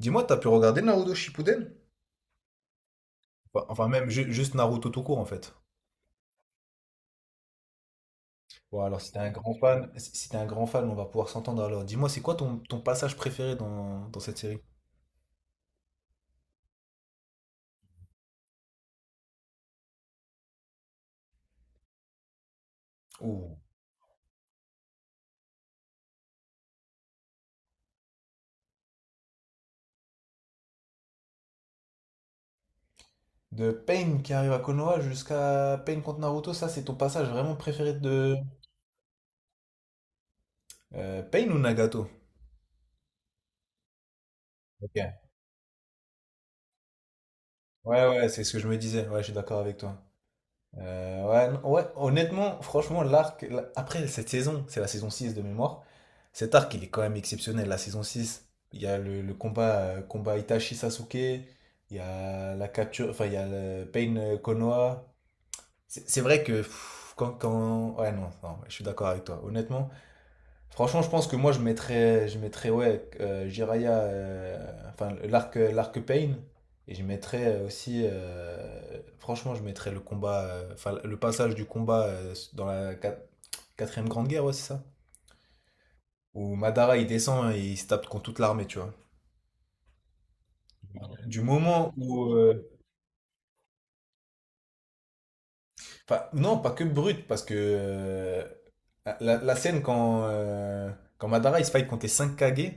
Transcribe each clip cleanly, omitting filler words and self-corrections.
Dis-moi, t'as pu regarder Naruto Shippuden? Enfin, même juste Naruto tout court en fait. Bon, alors si t'es un grand fan, si t'es un grand fan, on va pouvoir s'entendre alors. Dis-moi, c'est quoi ton passage préféré dans cette série? Ouh. De Pain qui arrive à Konoha jusqu'à Pain contre Naruto, ça c'est ton passage vraiment préféré de... Pain ou Nagato? Ok. Ouais, ouais, c'est ce que je me disais. Ouais, je suis d'accord avec toi. Ouais, ouais, honnêtement, franchement, l'arc, après cette saison, c'est la saison 6 de mémoire, cet arc, il est quand même exceptionnel. La saison six, il y a le combat, combat Itachi-Sasuke, il y a la capture, enfin, il y a le Pain, Konoha. C'est vrai que pff, quand... Ouais, non, non, je suis d'accord avec toi. Honnêtement, franchement, je pense que moi, je mettrais ouais, Jiraya, enfin, l'arc Pain. Et je mettrais aussi, franchement, je mettrais le combat, enfin, le passage du combat dans la quatrième grande guerre, ouais, c'est ça? Où Madara, il descend et il se tape contre toute l'armée, tu vois. Du moment où, enfin, non, pas que brut, parce que la scène quand, quand Madara, il se fight contre les 5 Kage,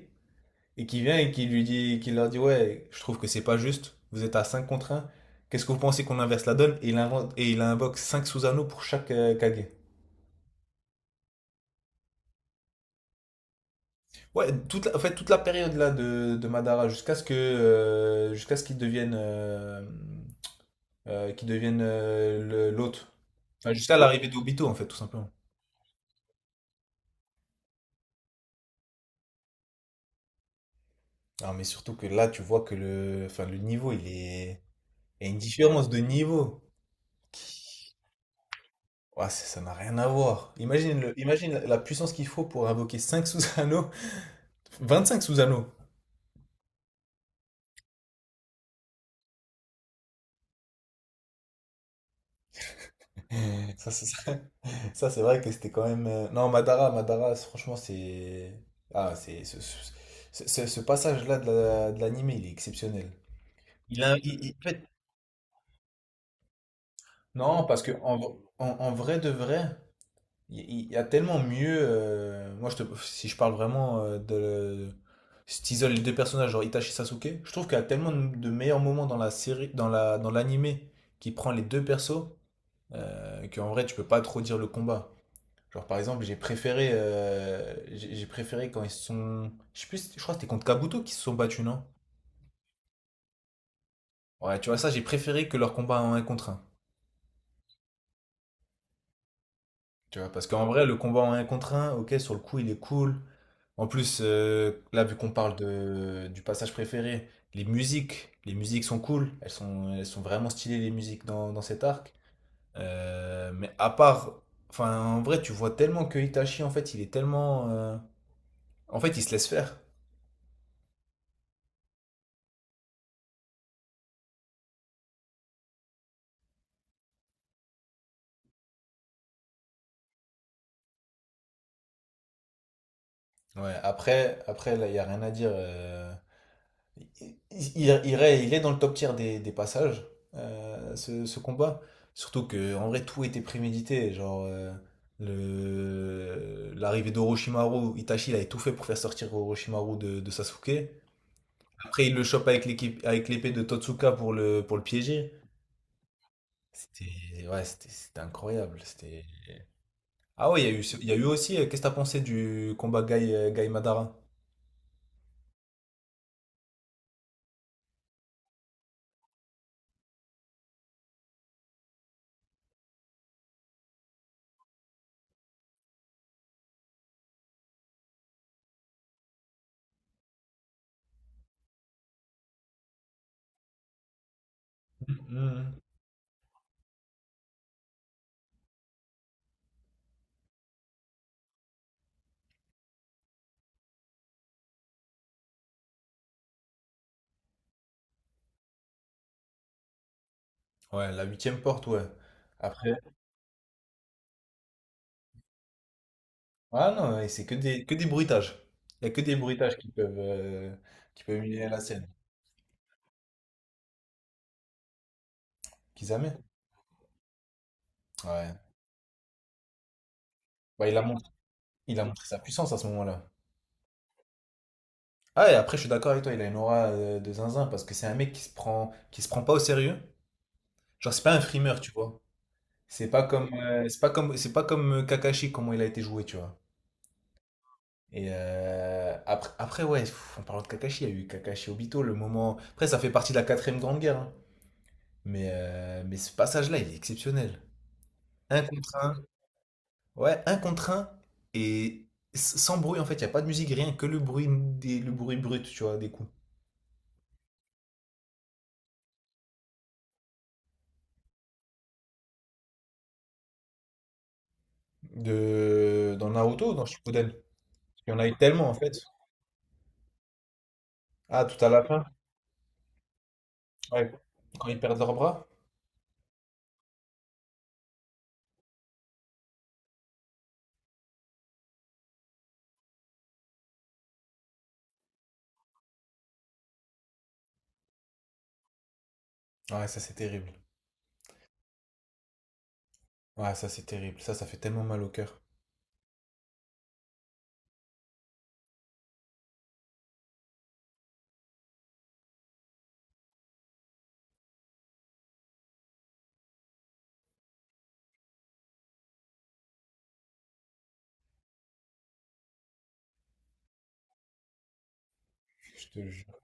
et qui vient et qui lui dit, qui leur dit, ouais, je trouve que c'est pas juste, vous êtes à 5 contre un. Qu'est-ce que vous pensez qu'on inverse la donne? Et il invente, et il invoque cinq Susanoo pour chaque Kage. Ouais, toute la, en fait, toute la période là de Madara jusqu'à ce que, jusqu'à ce qu'il devienne l'hôte. Enfin, jusqu'à l'arrivée d'Obito, en fait, tout simplement. Ah, mais surtout que là, tu vois que le, enfin, le niveau, il est... il y a une différence de niveau. Ouais, ça n'a rien à voir. Imagine, le... Imagine la puissance qu'il faut pour invoquer 5 Susanoo. 25 Susano. Ça, c'est ça. Ça, c'est vrai que c'était quand même, non, Madara, c'est, franchement, c'est. Ah, c'est. Ce passage-là de de l'anime, il est exceptionnel. Il a, peut-être. Non, parce que en vrai de vrai, il y a tellement mieux, moi, je te, si je parle vraiment de. Si t'isoles les deux personnages, genre Itachi Sasuke, je trouve qu'il y a tellement de meilleurs moments dans la série, dans l'anime qui prend les deux persos, qu'en vrai, tu peux pas trop dire le combat. Genre, par exemple, j'ai préféré quand ils sont. Je sais plus, je crois que c'était contre Kabuto qui se sont battus, non? Ouais, tu vois, ça, j'ai préféré que leur combat en un contre 1. Tu vois, parce qu'en vrai, le combat en un contre 1, ok, sur le coup, il est cool. En plus, là, vu qu'on parle du passage préféré, les musiques sont cool. Elles sont vraiment stylées, les musiques dans cet arc. Mais à part. Enfin, en vrai, tu vois tellement que Itachi, en fait, il est tellement, en fait, il se laisse faire. Ouais, après, là, il n'y a rien à dire, il, il est dans le top tier des passages, ce combat. Surtout que, en vrai, tout était prémédité. Genre, l'arrivée d'Orochimaru, Itachi, il avait tout fait pour faire sortir Orochimaru de Sasuke. Après, il le chope avec l'équipe, avec l'épée de Totsuka pour le piéger. C'était, ouais, c'était incroyable. C'était... Ah ouais, il y a eu aussi, qu'est-ce que t'as pensé du combat Gai Madara? Mhm. Ouais, la huitième porte, ouais. Après, ah non, ouais, c'est que des bruitages. Il n'y a que des bruitages qui peuvent humilier la scène. Kisame? Ouais. Bah, il a montré sa puissance à ce moment-là. Ah, et après, je suis d'accord avec toi, il a une aura de zinzin parce que c'est un mec qui se prend pas au sérieux. Genre, c'est pas un frimeur, tu vois. C'est pas comme, Kakashi, comment il a été joué, tu vois. Et après, ouais, pff, en parlant de Kakashi, il y a eu Kakashi Obito, le moment. Après, ça fait partie de la quatrième grande guerre, hein. Mais ce passage-là, il est exceptionnel. Un contre un. Ouais, un contre un. Et sans bruit, en fait, il n'y a pas de musique, rien que le bruit, le bruit brut, tu vois, des coups. Dans Naruto, dans Shippuden. Il y en a eu tellement, en fait. Ah, tout à la fin. Ouais. Quand ils perdent leurs bras. Ouais, ça, c'est terrible. Ouais, ça, c'est terrible. Ça fait tellement mal au cœur. Je te jure.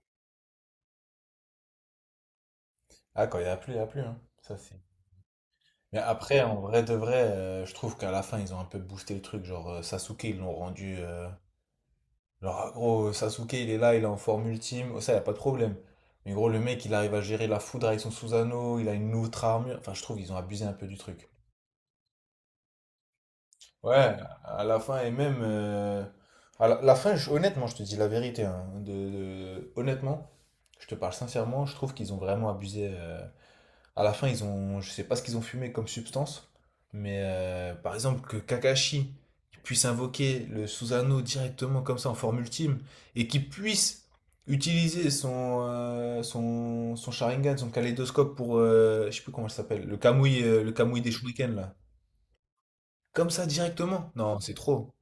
Ah, quand il n'y a plus, il n'y a plus, hein. Ça, c'est... Mais après, en vrai de vrai, je trouve qu'à la fin, ils ont un peu boosté le truc. Genre, Sasuke, ils l'ont rendu... genre, ah, gros, Sasuke, il est là, il est en forme ultime, ça, y a pas de problème. Mais gros, le mec, il arrive à gérer la foudre avec son Susanoo, il a une autre armure. Enfin, je trouve ils ont abusé un peu du truc. Ouais, à la fin, et même, à la fin, honnêtement, je te dis la vérité, hein. Honnêtement, je te parle sincèrement, je trouve qu'ils ont vraiment abusé, à la fin, ils ont, je sais pas ce qu'ils ont fumé comme substance, mais par exemple que Kakashi puisse invoquer le Susanoo directement comme ça en forme ultime et qu'il puisse utiliser son Sharingan, son kaléidoscope pour, je sais plus comment ça s'appelle, le Kamui des Shurikens là. Comme ça directement. Non, c'est trop.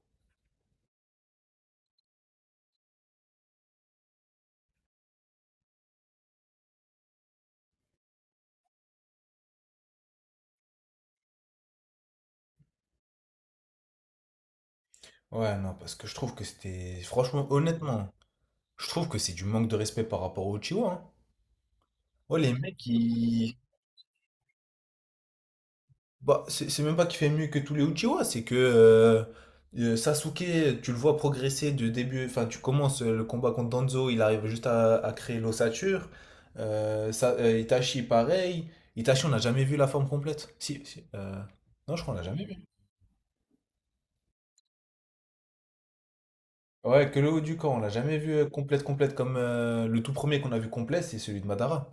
Ouais, non, parce que je trouve que c'était, franchement, honnêtement, je trouve que c'est du manque de respect par rapport aux Uchiwa, hein. Ouais, les mecs, ils, bah, c'est même pas qu'il fait mieux que tous les Uchiwa, c'est que Sasuke, tu le vois progresser de début, enfin tu commences le combat contre Danzo, il arrive juste à créer l'ossature. Itachi, pareil. Itachi, on n'a jamais vu la forme complète. Si, si, non, je crois qu'on l'a jamais vu. Ouais, que le haut du corps, on l'a jamais vu complète, complète comme le tout premier qu'on a vu complet, c'est celui de Madara.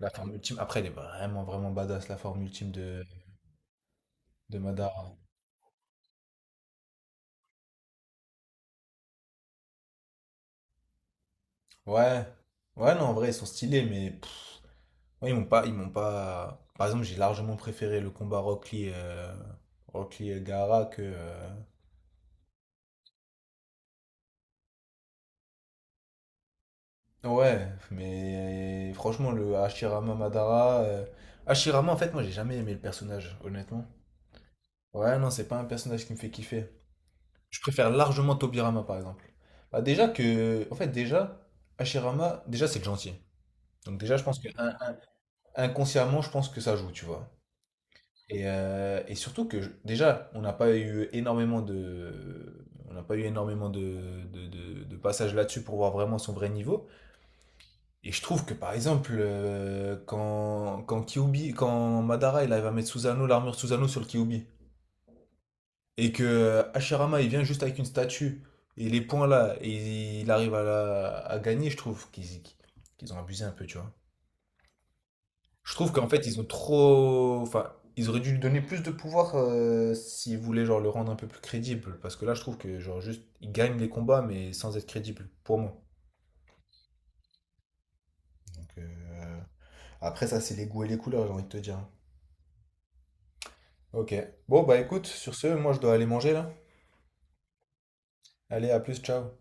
La forme ultime. Après, elle est vraiment, vraiment badass, la forme ultime de Madara. Ouais. Ouais, non, en vrai, ils sont stylés, mais. Ouais, ils m'ont pas. Par exemple, j'ai largement préféré le combat Rock Lee, Rock Lee Elgara que, ouais, mais franchement, le Hashirama Madara, Hashirama, en fait, moi, j'ai jamais aimé le personnage, honnêtement. Ouais, non, c'est pas un personnage qui me fait kiffer. Je préfère largement Tobirama, par exemple. Bah, déjà que. En fait, déjà, Hashirama, déjà, c'est le gentil. Donc, déjà, je pense que, inconsciemment, je pense que ça joue, tu vois. Et, et surtout que déjà, on n'a pas eu énormément de, de passages là-dessus pour voir vraiment son vrai niveau. Et je trouve que par exemple, quand Madara il arrive à mettre Susanoo, l'armure Susanoo sur le Kyuubi, et que Hashirama il vient juste avec une statue et les points là, et il arrive à, à gagner, je trouve qu'ils ont abusé un peu, tu vois. Je trouve qu'en fait, ils ont trop. Enfin, ils auraient dû lui donner plus de pouvoir s'ils voulaient genre, le rendre un peu plus crédible. Parce que là, je trouve que genre juste, il gagne les combats, mais sans être crédible, pour moi. Donc, après, ça, c'est les goûts et les couleurs, j'ai envie de te dire. Ok. Bon, bah écoute, sur ce, moi, je dois aller manger là. Allez, à plus, ciao.